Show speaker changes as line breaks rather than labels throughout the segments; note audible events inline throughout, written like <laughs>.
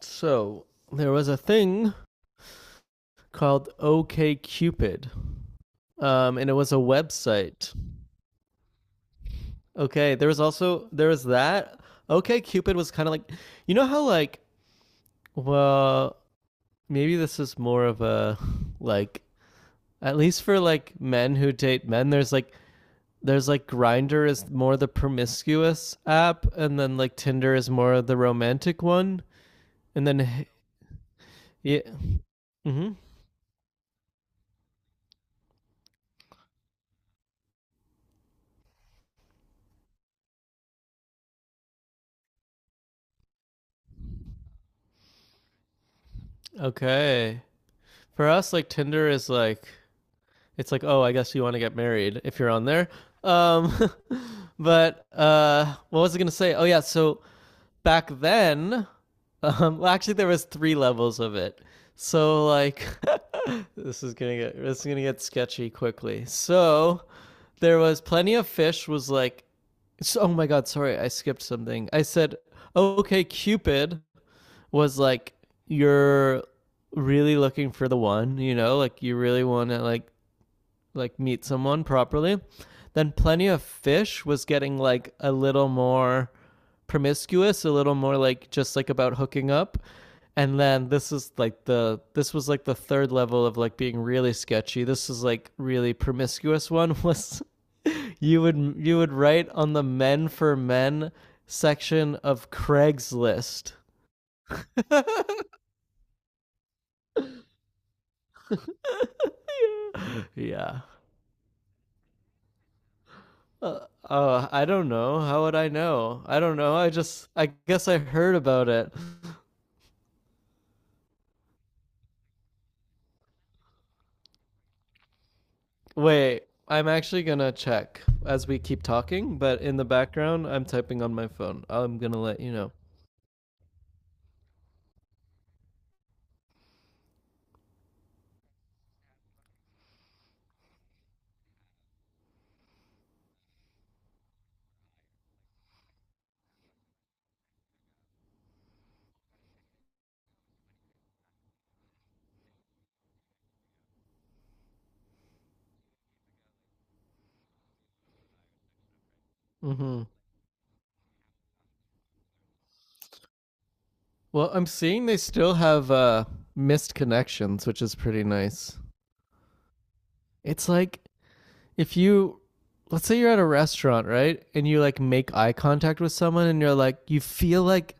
So there was a thing called OKCupid, and it was a website. Okay, there was that. OKCupid was kind of like, you know how like, well, maybe this is more of a like, at least for like men who date men. There's like Grindr is more the promiscuous app, and then like Tinder is more the romantic one, and then, yeah, mm-hmm. Okay. For us, like Tinder is like, it's like, oh, I guess you want to get married if you're on there. Um, <laughs> but what was I gonna say? Oh yeah, so back then, well, actually there was three levels of it. So like, <laughs> this is gonna get sketchy quickly. So there was plenty of fish. Was like, so, oh my god, sorry, I skipped something. I said, okay, Cupid was like you're really looking for the one, you know, like you really want to like meet someone properly, then Plenty of Fish was getting like a little more promiscuous, a little more like just like about hooking up. And then this is like the third level of like being really sketchy. This is like really promiscuous one was <laughs> you would write on the men for men section of Craigslist. <laughs> Yeah. Uh, I don't know. How would I know? I don't know. I guess I heard about it. Wait, I'm actually gonna check as we keep talking, but in the background, I'm typing on my phone. I'm gonna let you know. hmm Well, I'm seeing they still have missed connections, which is pretty nice. It's like if you, let's say you're at a restaurant, right? And you like make eye contact with someone and you're like, you feel like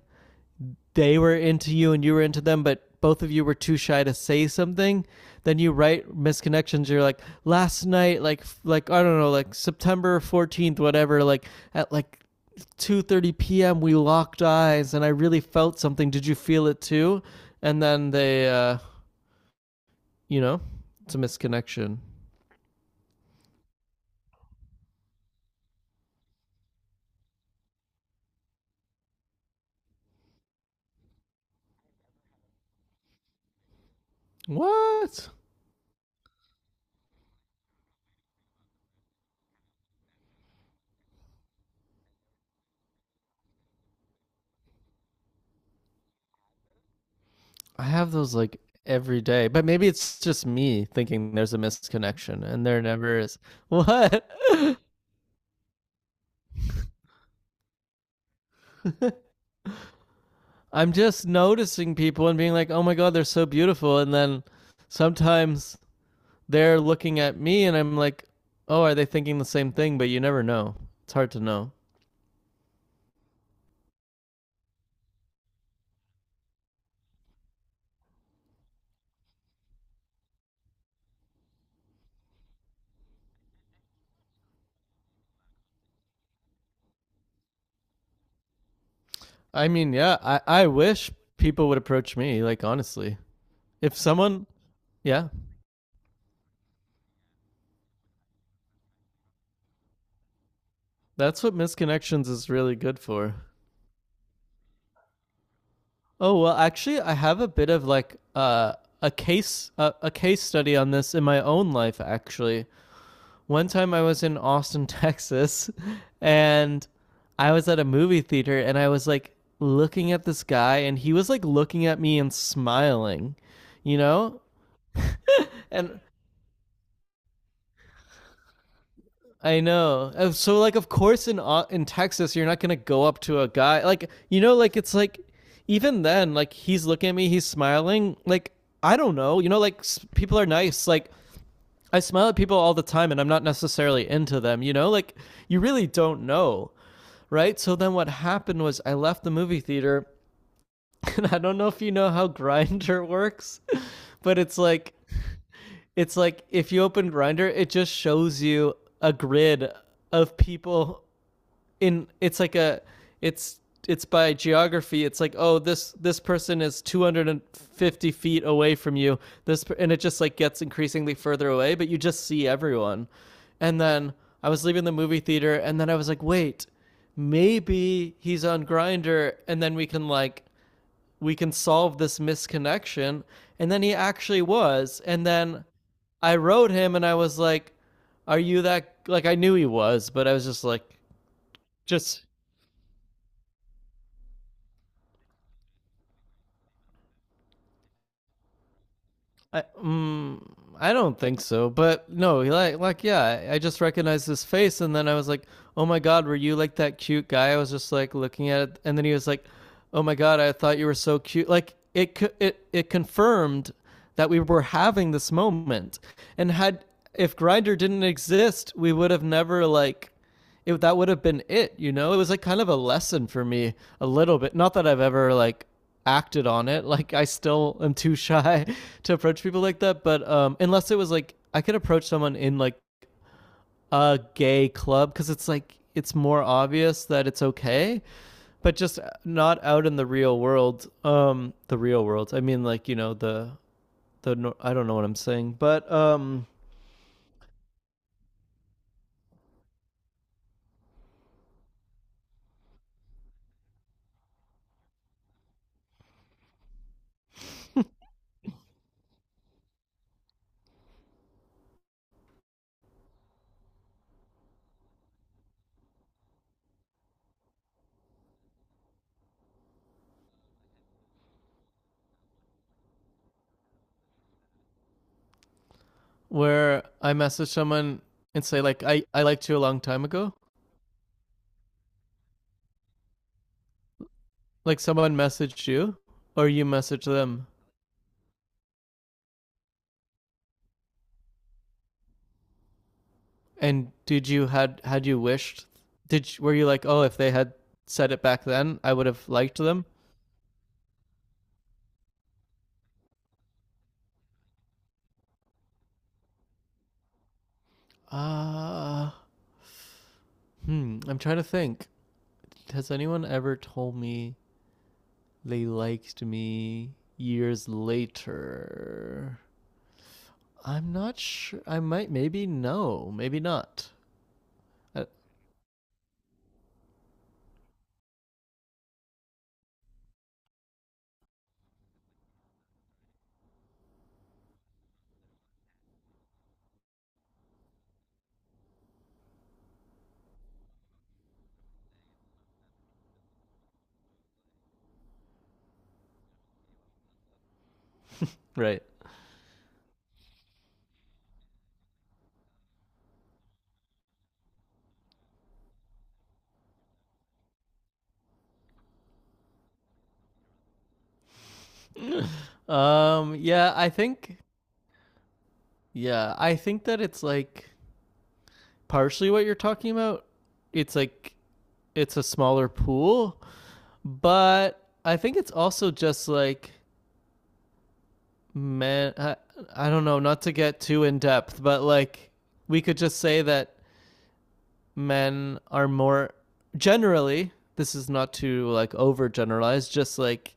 they were into you and you were into them, but both of you were too shy to say something, then you write misconnections. You're like, last night, like I don't know, like September 14th, whatever. Like at like 2:30 p.m., we locked eyes, and I really felt something. Did you feel it too? And then you know, it's a misconnection. What? I have those like every day, but maybe it's just me thinking there's a misconnection, and there never is. What? <laughs> I'm just noticing people and being like, oh my God, they're so beautiful. And then sometimes they're looking at me and I'm like, oh, are they thinking the same thing? But you never know. It's hard to know. I mean, yeah, I wish people would approach me, like, honestly. If someone, Yeah, that's what misconnections is really good for. Oh, well, actually, I have a bit of like a case study on this in my own life, actually. One time I was in Austin, <laughs> Texas, and I was at a movie theater and I was like looking at this guy and he was like looking at me and smiling, you know? And I know. So like of course in Texas you're not going to go up to a guy like you know like it's like even then like he's looking at me, he's smiling. Like I don't know. You know like people are nice. Like I smile at people all the time and I'm not necessarily into them, you know? Like you really don't know. Right? So then what happened was I left the movie theater, <laughs> and I don't know if you know how Grinder <laughs> works, but it's like if you open Grinder, it just shows you a grid of people in it's like a it's it's by geography it's like oh this person is 250 feet away from you this and it just like gets increasingly further away but you just see everyone and then I was leaving the movie theater and then I was like wait maybe he's on Grinder and then we can like we can solve this misconnection and then he actually was and then I wrote him and I was like are you that like I knew he was but I was just like just I, um I don't think so, but no, like, yeah, I just recognized his face, and then I was like, oh my god, were you like that cute guy? I was just like looking at it, and then he was like, oh my god, I thought you were so cute. Like it confirmed that we were having this moment, and had if Grinder didn't exist, we would have never like it that would have been it, you know? It was like kind of a lesson for me a little bit. Not that I've ever like acted on it. Like I still am too shy <laughs> to approach people like that, but unless it was like I could approach someone in like a gay club cuz it's like it's more obvious that it's okay, but just not out in the real world. The real world. I mean like, you know, the the I don't know what I'm saying, but where I message someone and say like I liked you a long time ago. Like someone messaged you, or you messaged them, and did you had you wished? Were you like, oh, if they had said it back then, I would have liked them. Uh, hmm. I'm trying to think. Has anyone ever told me they liked me years later? I'm not sure. I might, maybe no, maybe not. Uh, right. Yeah. I think. Yeah. I think that it's like partially what you're talking about. It's like it's a smaller pool, but I think it's also just like men. I don't know, not to get too in depth, but like we could just say that men are more generally. This is not to like over generalize, just like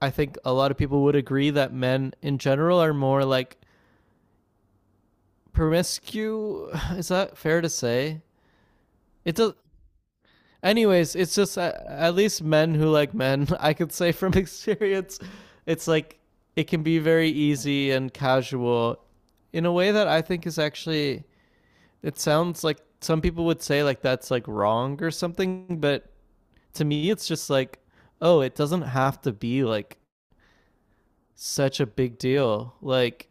I think a lot of people would agree that men in general are more like promiscuous. <sighs> Is that fair to say? It does. Anyways, it's just at least men who like men, <laughs> I could say from <laughs> experience, it's like it can be very easy and casual in a way that I think is actually it sounds like some people would say like that's like wrong or something, but to me it's just like oh, it doesn't have to be like such a big deal. Like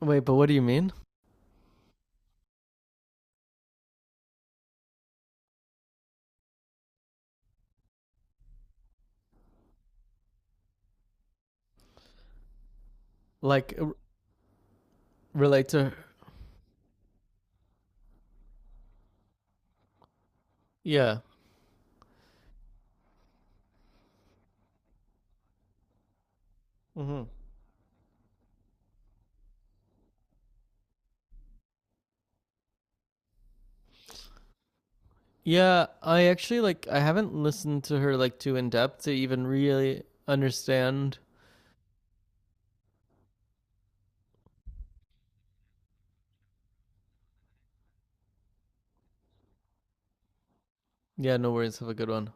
wait, but what do you mean? Like relate to yeah. Mm-hmm. Yeah, I actually like I haven't listened to her like too in depth to even really understand. Yeah, no worries. Have a good one.